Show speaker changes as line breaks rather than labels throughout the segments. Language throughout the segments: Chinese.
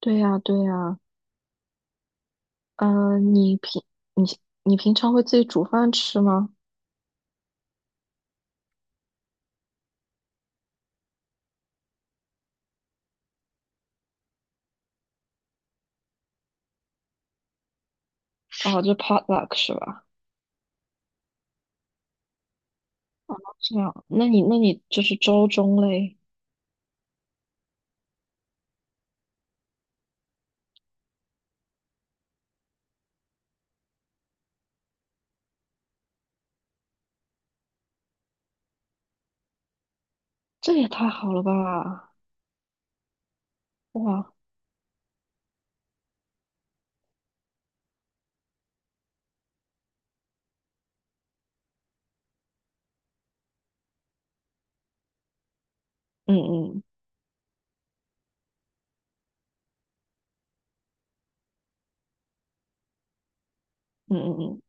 对呀，对呀，嗯，你你平常会自己煮饭吃吗？哦，就 potluck 是吧？这样，那你就是周中嘞，这也太好了吧！哇，嗯嗯嗯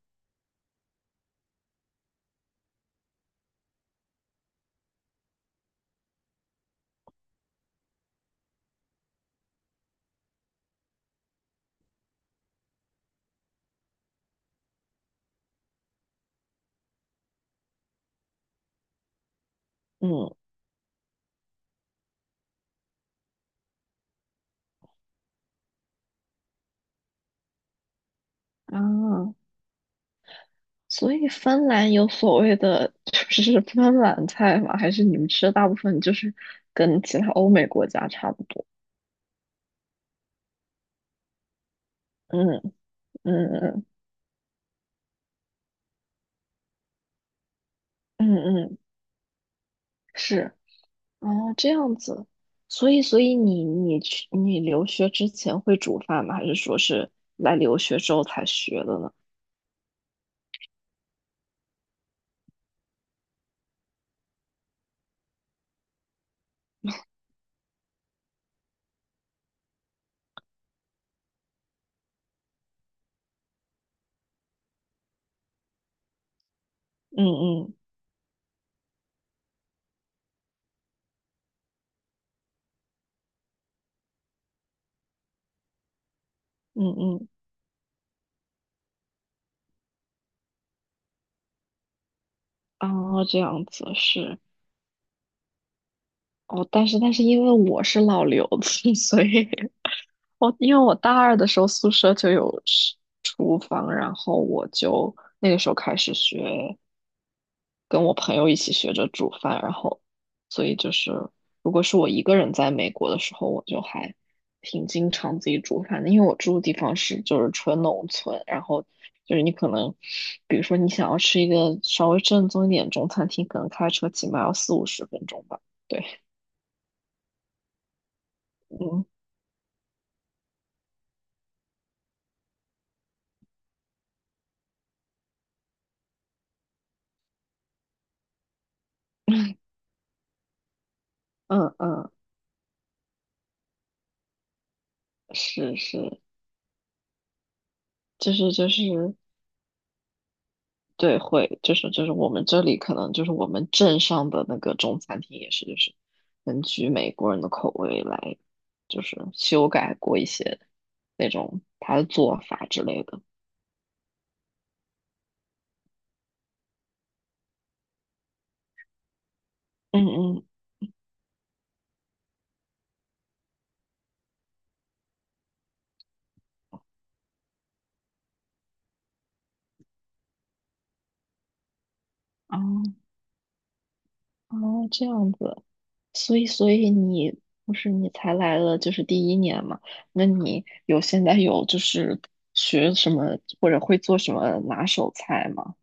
嗯嗯啊，所以芬兰有所谓的就是芬兰菜吗？还是你们吃的大部分就是跟其他欧美国家差不多？嗯嗯嗯嗯嗯，是。哦，这样子，所以你留学之前会煮饭吗？还是说是来留学之后才学的呢？嗯嗯嗯嗯，哦，这样子是哦，但是因为我是老留子，所以因为我大二的时候宿舍就有是厨房，然后我就那个时候开始学。跟我朋友一起学着煮饭，然后所以就是如果是我一个人在美国的时候，我就还挺经常自己煮饭的，因为我住的地方是就是纯农村，然后就是你可能比如说你想要吃一个稍微正宗一点中餐厅，可能开车起码要四五十分钟吧。对，嗯嗯嗯，是是，就是就是。对，会就是就是我们这里可能就是我们镇上的那个中餐厅也是，就是根据美国人的口味来，就是修改过一些那种他的做法之类的。嗯嗯，哦哦，这样子，所以你不是你才来了就是第一年嘛？那你现在有就是学什么或者会做什么拿手菜吗？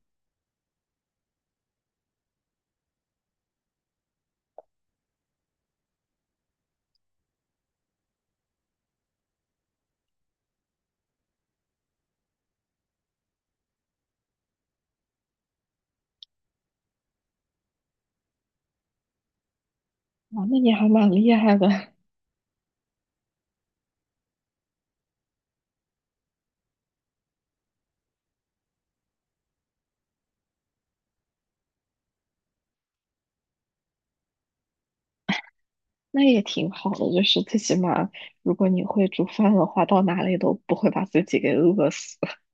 啊，那你还蛮厉害的。那也挺好的，就是最起码如果你会煮饭的话，到哪里都不会把自己给饿死。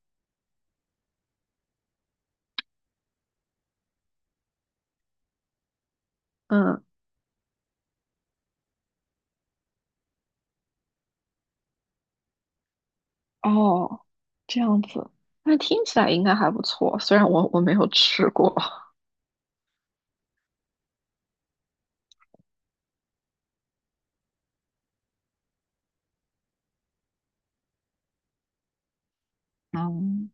嗯，哦，这样子，那听起来应该还不错，虽然我没有吃过。嗯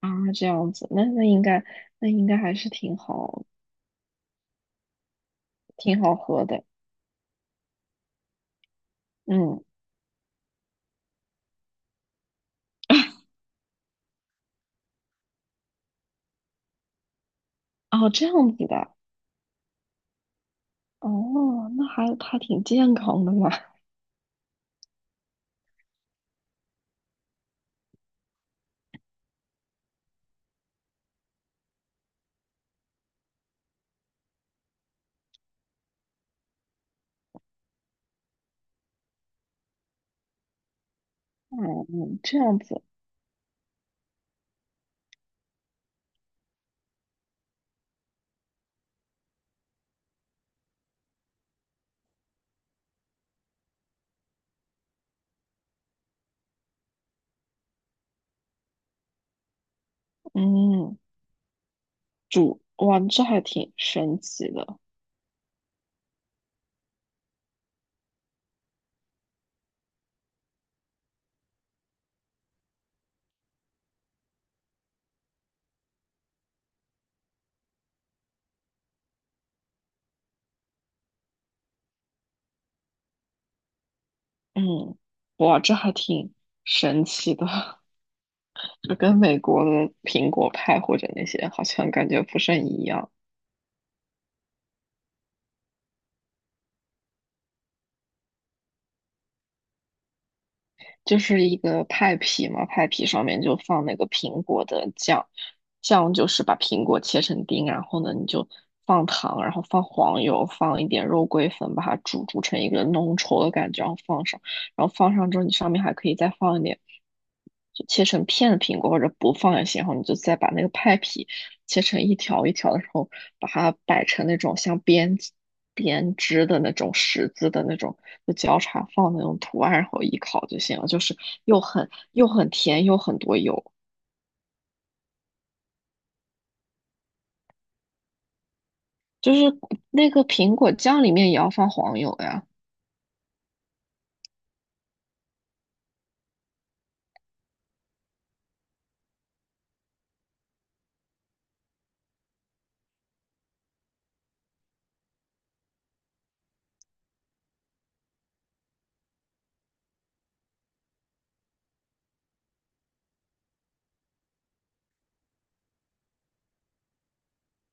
啊，这样子，那应该还是挺好，挺好喝的。嗯，哦，这样子的，哦，那还挺健康的嘛。嗯，这样子，嗯，哇，这还挺神奇的。嗯，哇，这还挺神奇的，这跟美国的苹果派或者那些好像感觉不甚一样。就是一个派皮嘛，派皮上面就放那个苹果的酱，酱就是把苹果切成丁，然后呢你就放糖，然后放黄油，放一点肉桂粉，把它煮成一个浓稠的感觉，然后放上，然后放上之后你上面还可以再放一点。就切成片的苹果，或者不放也行。然后你就再把那个派皮切成一条一条的，然后把它摆成那种像编织的那种十字的那种，就交叉放那种图案，然后一烤就行了。就是又很甜，又很多油。就是那个苹果酱里面也要放黄油呀。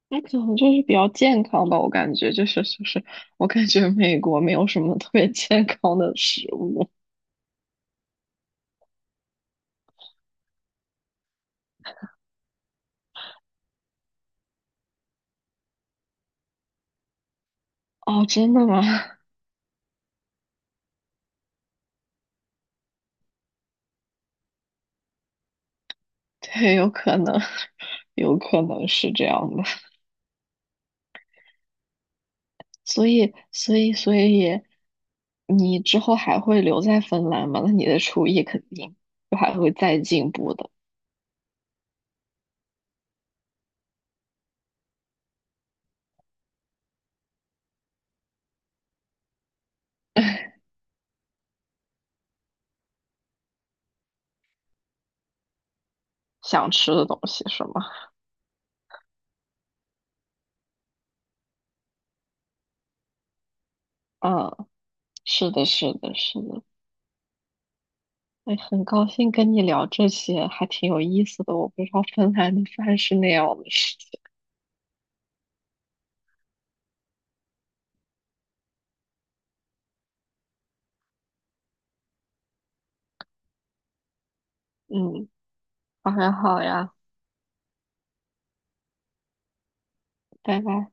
那可能就是比较健康吧，我感觉就是就是，我感觉美国没有什么特别健康的食物。哦，真的吗？对，有可能，有可能是这样的。所以，你之后还会留在芬兰吗？那你的厨艺肯定就还会再进步的。想吃的东西是吗？嗯，是的，是的，是的。哎，很高兴跟你聊这些，还挺有意思的。我不知道芬兰的饭是那样的事情。嗯，好呀，好呀，拜拜。